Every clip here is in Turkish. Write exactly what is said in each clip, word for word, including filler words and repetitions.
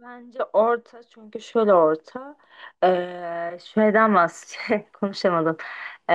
Bence orta, çünkü şöyle orta. Ee, şeyden bahsedeceğim, konuşamadım. Ee,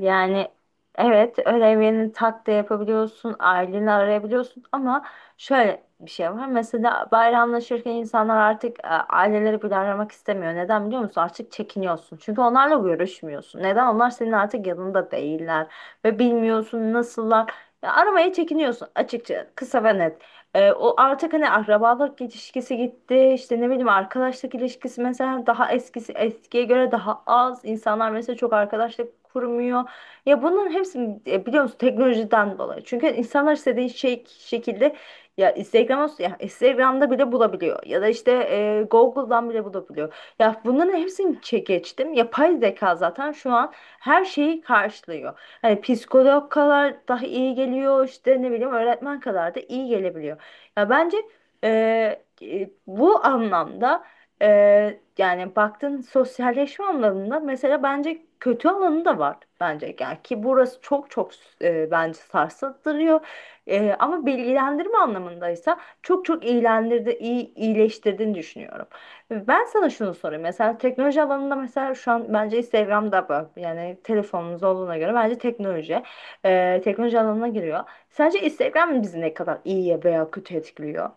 yani evet, ödevlerini tak da yapabiliyorsun, aileni arayabiliyorsun, ama şöyle bir şey var mesela: bayramlaşırken insanlar artık e, aileleri bile aramak istemiyor. Neden biliyor musun? Artık çekiniyorsun, çünkü onlarla görüşmüyorsun. Neden? Onlar senin artık yanında değiller ve bilmiyorsun nasıllar. Ya, aramaya çekiniyorsun açıkça, kısa ve net. Ee, o artık, hani, akrabalık ilişkisi gitti, işte ne bileyim, arkadaşlık ilişkisi mesela daha eskisi eskiye göre daha az. İnsanlar mesela çok arkadaşlık kurmuyor. Ya bunun hepsi e, biliyor musun, teknolojiden dolayı. Çünkü insanlar istediği şey şekilde, ya Instagram, ya Instagram'da bile bulabiliyor, ya da işte e, Google'dan bile bulabiliyor. Ya bunların hepsini çe- geçtim. Yapay zeka zaten şu an her şeyi karşılıyor. Hani psikolog kadar daha iyi geliyor, işte ne bileyim, öğretmen kadar da iyi gelebiliyor. Ya bence e, e, bu anlamda, e, yani baktığın sosyalleşme anlamında, mesela bence kötü alanı da var. Bence yani, ki burası çok çok, e, bence sarsıttırıyor. E, ama bilgilendirme anlamındaysa çok çok iyilendirdi, iyi iyileştirdiğini düşünüyorum. Ben sana şunu sorayım: mesela teknoloji alanında, mesela şu an bence Instagram'da bu, yani telefonumuz olduğuna göre bence teknoloji, e, teknoloji alanına giriyor. Sence Instagram bizi ne kadar iyiye veya kötü etkiliyor?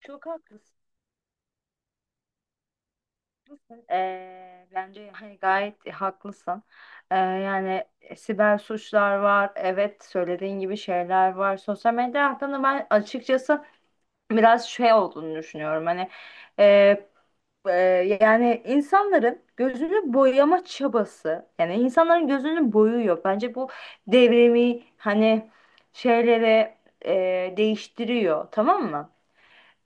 Çok haklısın. Ee, bence hani gayet haklısın. Ee, yani e, siber suçlar var. Evet, söylediğin gibi şeyler var. Sosyal medya hakkında ben açıkçası biraz şey olduğunu düşünüyorum. Hani, e, e, yani insanların gözünü boyama çabası. Yani insanların gözünü boyuyor. Bence bu devrimi, hani, şeylere e, değiştiriyor. Tamam mı?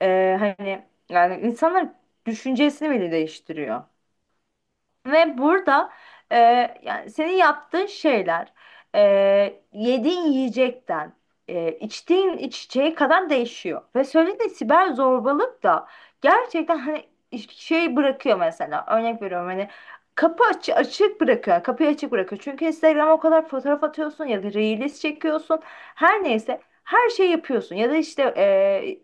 Ee, hani yani insanlar düşüncesini bile değiştiriyor. Ve burada, e, yani senin yaptığın şeyler, e, yediğin yiyecekten e, içtiğin içeceğe kadar değişiyor. Ve söylediğin siber zorbalık da gerçekten, hani, şey bırakıyor. Mesela örnek veriyorum, hani, kapı aç açık bırakıyor. Kapıyı açık bırakıyor. Çünkü Instagram'a o kadar fotoğraf atıyorsun ya da reels çekiyorsun. Her neyse, her şey yapıyorsun, ya da işte e,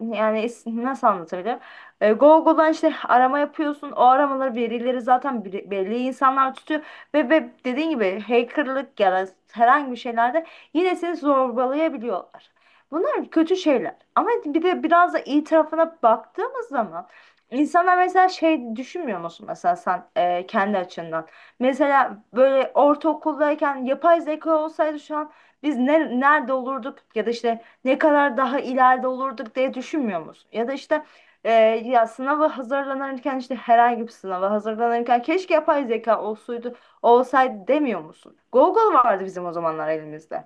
yani nasıl anlatabilirim? E, Google'dan işte arama yapıyorsun. O aramaları birileri zaten, bir- belli insanlar tutuyor. Ve, ve dediğin gibi hackerlık ya da herhangi bir şeylerde yine seni zorbalayabiliyorlar. Bunlar kötü şeyler. Ama bir de biraz da iyi tarafına baktığımız zaman, insanlar mesela şey düşünmüyor musun, mesela sen e, kendi açından? Mesela böyle ortaokuldayken yapay zeka olsaydı şu an biz ne, nerede olurduk, ya da işte ne kadar daha ileride olurduk diye düşünmüyor musun? Ya da işte, ee, ya sınava hazırlanırken, işte herhangi bir sınava hazırlanırken, keşke yapay zeka olsaydı olsaydı demiyor musun? Google vardı bizim o zamanlar elimizde.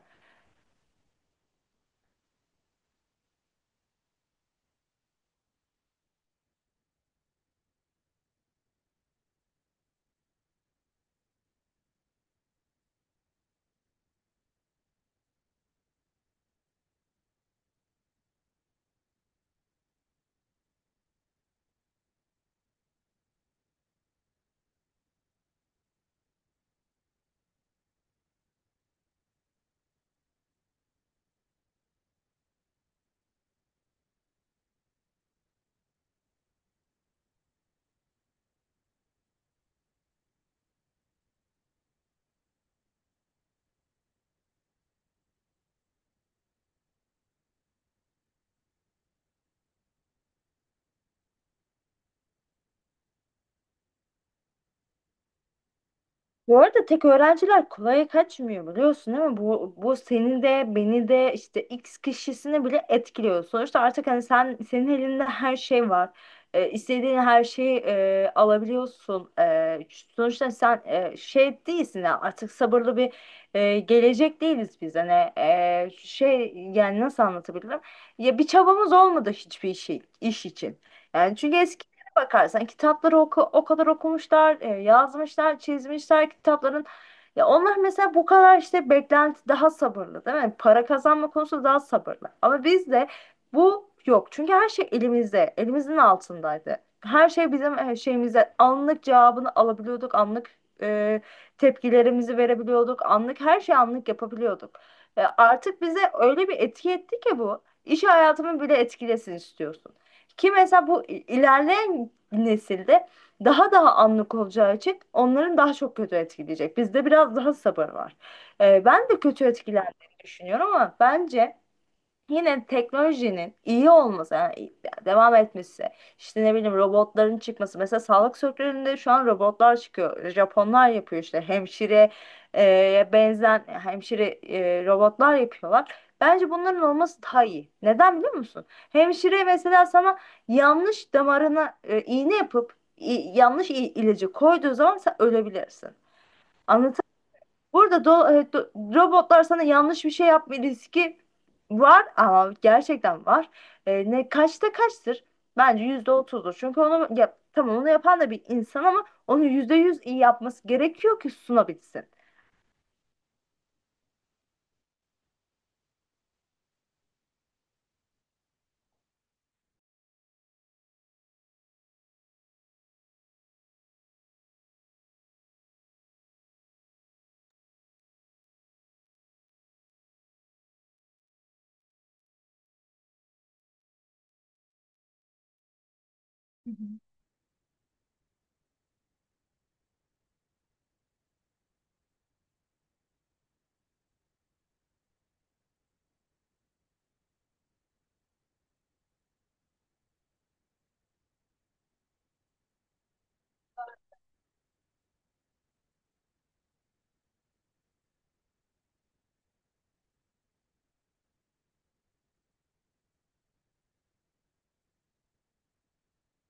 Bu arada tek öğrenciler kolaya kaçmıyor, biliyorsun değil mi? Bu, bu seni de, beni de, işte X kişisini bile etkiliyor. Sonuçta artık hani sen, senin elinde her şey var. Ee, istediğin her şeyi e, alabiliyorsun. Ee, sonuçta sen e, şey değilsin ya, artık sabırlı bir e, gelecek değiliz biz. Hani e, şey, yani nasıl anlatabilirim? Ya bir çabamız olmadı hiçbir şey iş için. Yani çünkü bakarsan kitapları, oku, o kadar okumuşlar, e, yazmışlar, çizmişler kitapların. Ya onlar mesela bu kadar işte beklenti daha sabırlı değil mi? Para kazanma konusu daha sabırlı. Ama bizde bu yok. Çünkü her şey elimizde, elimizin altındaydı. Her şey bizim e, şeyimizde, anlık cevabını alabiliyorduk, anlık e, tepkilerimizi verebiliyorduk, anlık her şeyi anlık yapabiliyorduk. E, artık bize öyle bir etki etti ki bu, İş hayatımı bile etkilesin istiyorsun. Ki mesela bu i- ilerleyen nesilde daha daha anlık olacağı için onların daha çok kötü etkileyecek. Bizde biraz daha sabır var. Ee, ben de kötü etkilendiğini düşünüyorum, ama bence yine teknolojinin iyi olması, yani devam etmesi, işte ne bileyim, robotların çıkması. Mesela sağlık sektöründe şu an robotlar çıkıyor, Japonlar yapıyor, işte hemşire e, benzen hemşire e, robotlar yapıyorlar. Bence bunların olması daha iyi. Neden biliyor musun? Hemşire mesela sana yanlış damarına e, iğne yapıp i- yanlış i- ilacı koyduğu zaman sen ölebilirsin. Burada do- e, do- robotlar sana yanlış bir şey yapma riski var, ama gerçekten var. E, ne kaçta kaçtır? Bence yüzde otuzdur. Çünkü onu yap, tamam, onu yapan da bir insan, ama onu yüzde yüz iyi yapması gerekiyor ki sunabilsin.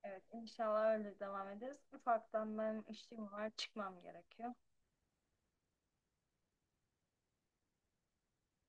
Evet, inşallah öyle devam ederiz. Ufaktan benim işim var, çıkmam gerekiyor.